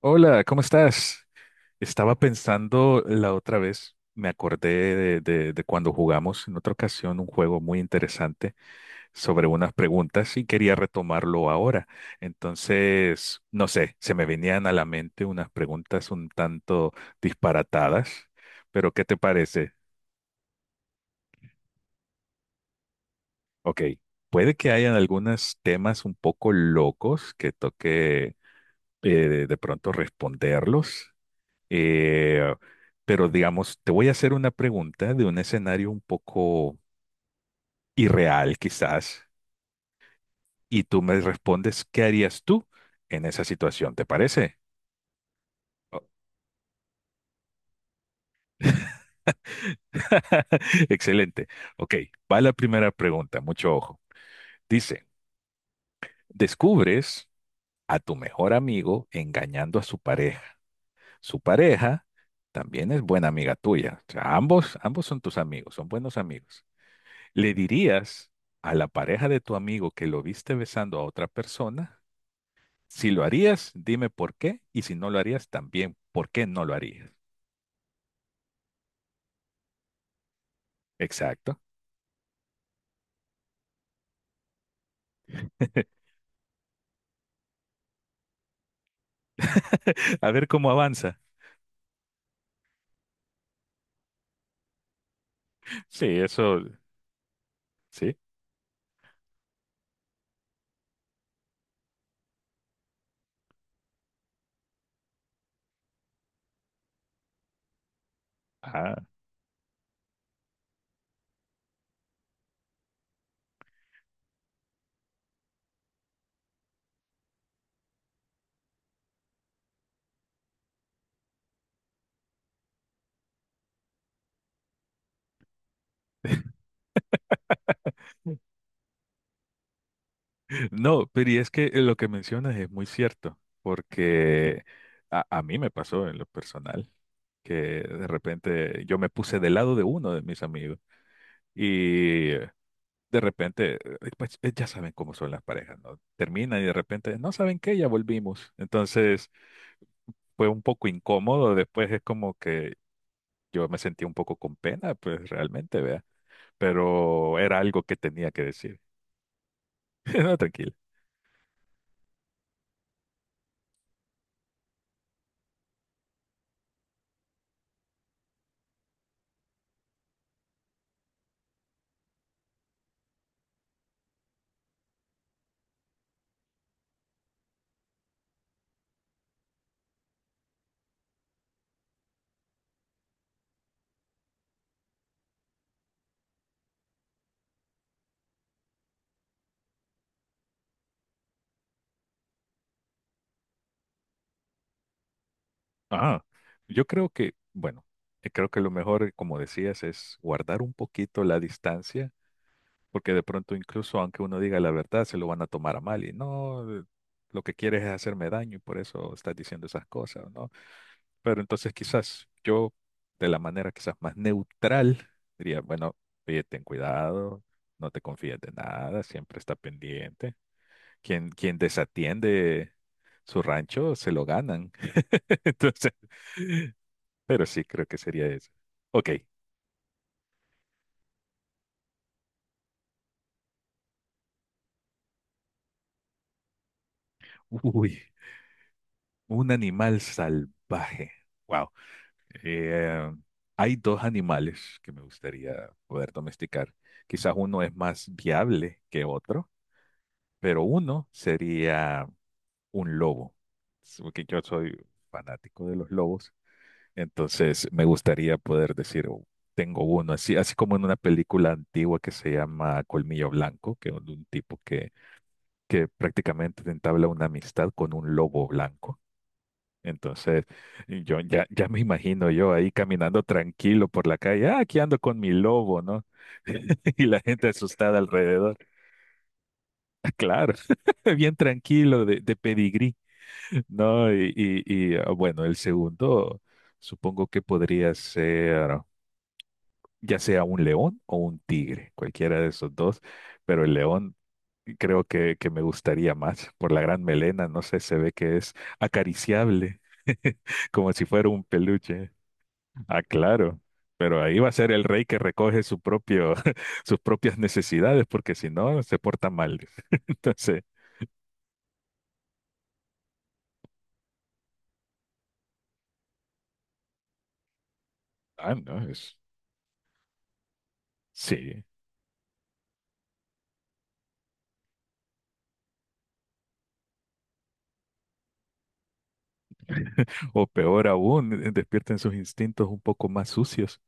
Hola, ¿cómo estás? Estaba pensando la otra vez, me acordé de cuando jugamos en otra ocasión un juego muy interesante sobre unas preguntas y quería retomarlo ahora. Entonces, no sé, se me venían a la mente unas preguntas un tanto disparatadas, pero ¿qué te parece? Ok, puede que hayan algunos temas un poco locos que toque de pronto responderlos. Eh, pero digamos, te voy a hacer una pregunta de un escenario un poco irreal quizás, y tú me respondes, ¿qué harías tú en esa situación? ¿Te parece? Oh. Excelente. Ok, va la primera pregunta, mucho ojo. Dice, descubres a tu mejor amigo engañando a su pareja. Su pareja también es buena amiga tuya. O sea, ambos son tus amigos, son buenos amigos. ¿Le dirías a la pareja de tu amigo que lo viste besando a otra persona? Si lo harías, dime por qué. Y si no lo harías, también, ¿por qué no lo harías? Exacto. A ver cómo avanza. Sí, eso, sí. Ah. No, pero y es que lo que mencionas es muy cierto, porque a mí me pasó en lo personal, que de repente yo me puse del lado de uno de mis amigos. Y de repente, pues ya saben cómo son las parejas, ¿no? Terminan y de repente, no saben qué, ya volvimos. Entonces fue un poco incómodo, después es como que yo me sentí un poco con pena, pues realmente, vea, pero era algo que tenía que decir. No, tranquilo. Ah, yo creo que, bueno, creo que lo mejor, como decías, es guardar un poquito la distancia, porque de pronto incluso aunque uno diga la verdad, se lo van a tomar a mal y no, lo que quieres es hacerme daño y por eso estás diciendo esas cosas, ¿no? Pero entonces quizás yo, de la manera quizás más neutral, diría, bueno, oye, ten cuidado, no te confíes de nada, siempre está pendiente. Quien desatiende su rancho, se lo ganan. Entonces, pero sí, creo que sería eso. Ok. Uy, un animal salvaje. Wow. Eh, Hay dos animales que me gustaría poder domesticar. Quizás uno es más viable que otro, pero uno sería un lobo, es porque yo soy fanático de los lobos, entonces me gustaría poder decir, "Oh, tengo uno, así, así como en una película antigua que se llama Colmillo Blanco, que es de un tipo que prácticamente entabla una amistad con un lobo blanco. Entonces, ya me imagino yo ahí caminando tranquilo por la calle, ah, aquí ando con mi lobo, ¿no? Y la gente asustada alrededor. Claro, bien tranquilo, de pedigrí. No, bueno, el segundo supongo que podría ser ya sea un león o un tigre, cualquiera de esos dos, pero el león creo que me gustaría más por la gran melena, no sé, se ve que es acariciable, como si fuera un peluche. Ah, claro, pero ahí va a ser el rey que recoge su propio, sus propias necesidades, porque si no, se porta mal. Entonces, ah, no, es, sí. O peor aún, despierten sus instintos un poco más sucios.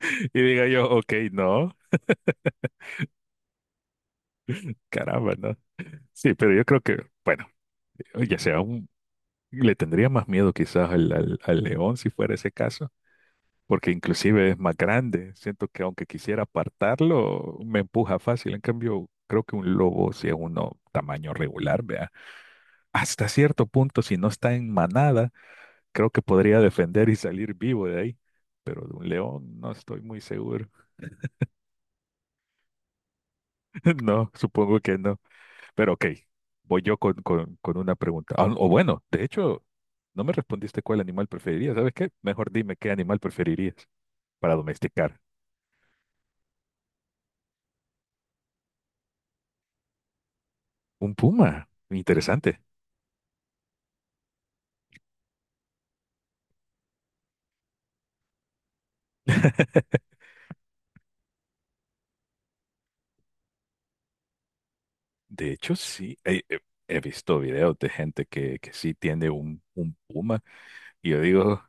Y diga yo, ok, no, caramba, no. Sí, pero yo creo que, bueno, ya sea un, le tendría más miedo quizás al león si fuera ese caso, porque inclusive es más grande. Siento que aunque quisiera apartarlo, me empuja fácil. En cambio, creo que un lobo, si es uno tamaño regular, vea, hasta cierto punto, si no está en manada, creo que podría defender y salir vivo de ahí. Pero de un león no estoy muy seguro. No, supongo que no. Pero ok, voy yo con una pregunta. Ah, o bueno, de hecho, no me respondiste cuál animal preferirías. ¿Sabes qué? Mejor dime qué animal preferirías para domesticar. Un puma. Interesante. De hecho, sí. He visto videos de gente que sí tiene un puma. Y yo digo,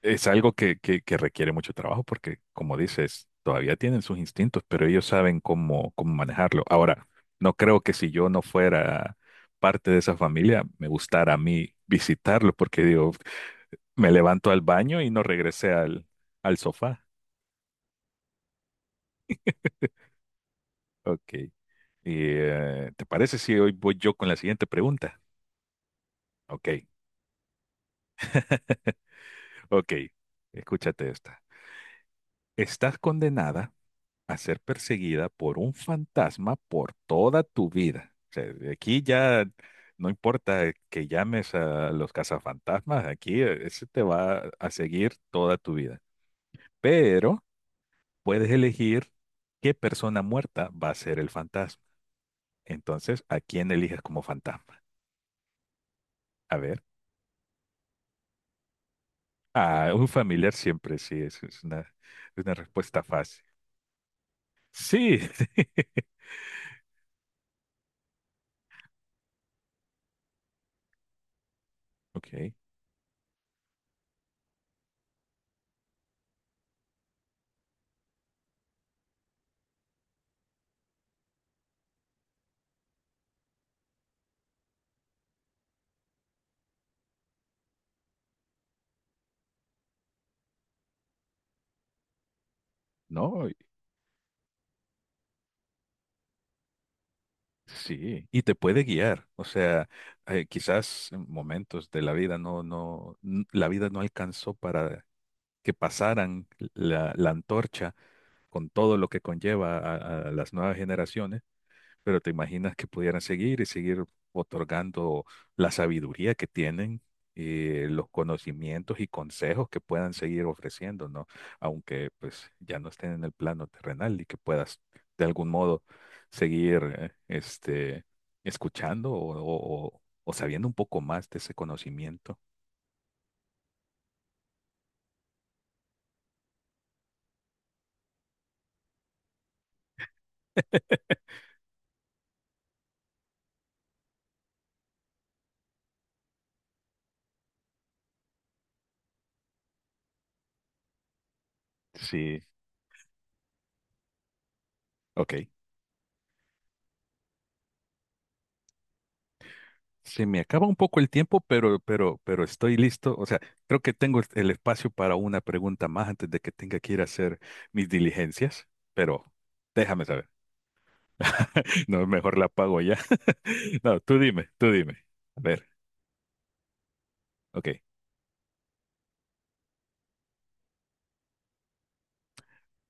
es algo que requiere mucho trabajo porque, como dices, todavía tienen sus instintos, pero ellos saben cómo manejarlo. Ahora, no creo que si yo no fuera parte de esa familia, me gustara a mí visitarlo porque digo, me levanto al baño y no regresé al, al sofá. Ok. Y, ¿te parece si hoy voy yo con la siguiente pregunta? Ok, ok. Escúchate esta. Estás condenada a ser perseguida por un fantasma por toda tu vida. O sea, de aquí ya no importa que llames a los cazafantasmas, aquí ese te va a seguir toda tu vida. Pero puedes elegir qué persona muerta va a ser el fantasma. Entonces, ¿a quién eliges como fantasma? A ver, a un familiar siempre, sí, es una respuesta fácil. Sí, ok. No, sí, y te puede guiar. O sea, quizás en momentos de la vida no, no, n- la vida no alcanzó para que pasaran la, la antorcha con todo lo que conlleva a las nuevas generaciones. Pero te imaginas que pudieran seguir y seguir otorgando la sabiduría que tienen, los conocimientos y consejos que puedan seguir ofreciendo, ¿no? Aunque pues ya no estén en el plano terrenal y que puedas de algún modo seguir escuchando o sabiendo un poco más de ese conocimiento. Sí, ok. Se me acaba un poco el tiempo, pero estoy listo. O sea, creo que tengo el espacio para una pregunta más antes de que tenga que ir a hacer mis diligencias, pero déjame saber. No, mejor la pago ya. No, tú dime, tú dime. A ver, ok.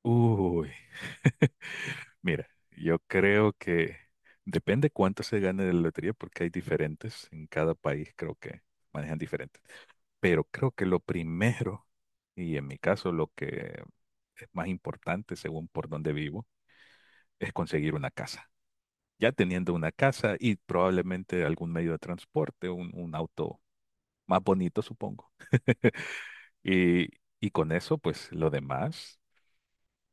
Uy, mira, yo creo que depende cuánto se gane de la lotería, porque hay diferentes en cada país, creo que manejan diferentes. Pero creo que lo primero, y en mi caso lo que es más importante según por donde vivo, es conseguir una casa. Ya teniendo una casa y probablemente algún medio de transporte, un auto más bonito, supongo. Y, y con eso, pues lo demás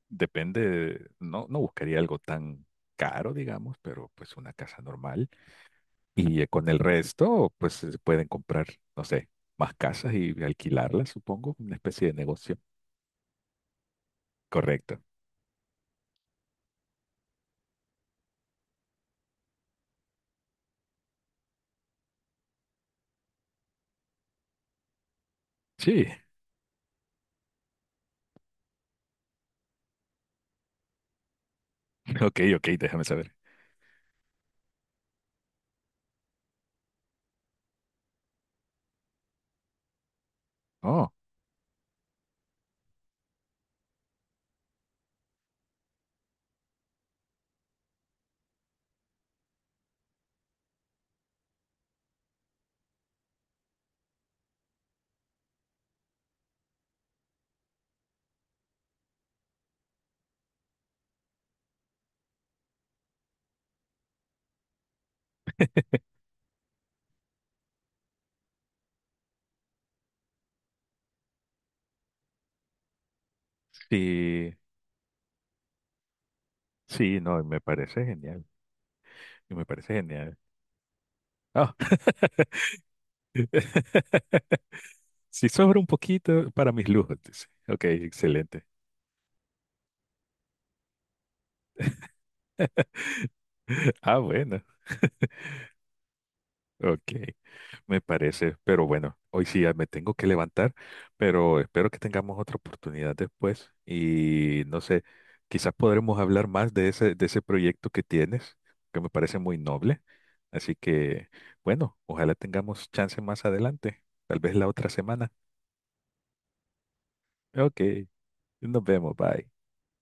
depende, no, no buscaría algo tan caro, digamos, pero pues una casa normal. Y con el resto, pues se pueden comprar, no sé, más casas y alquilarlas, supongo, una especie de negocio. Correcto. Sí, ok, ok, déjame saber. Oh, sí, sí, no, me parece genial. Me parece genial. Ah, si sobra un poquito para mis lujos, dice. Ok, excelente. Ah, bueno, ok, me parece. Pero bueno, hoy sí ya me tengo que levantar, pero espero que tengamos otra oportunidad después y no sé, quizás podremos hablar más de ese proyecto que tienes, que me parece muy noble. Así que, bueno, ojalá tengamos chance más adelante, tal vez la otra semana. Ok, nos vemos, bye.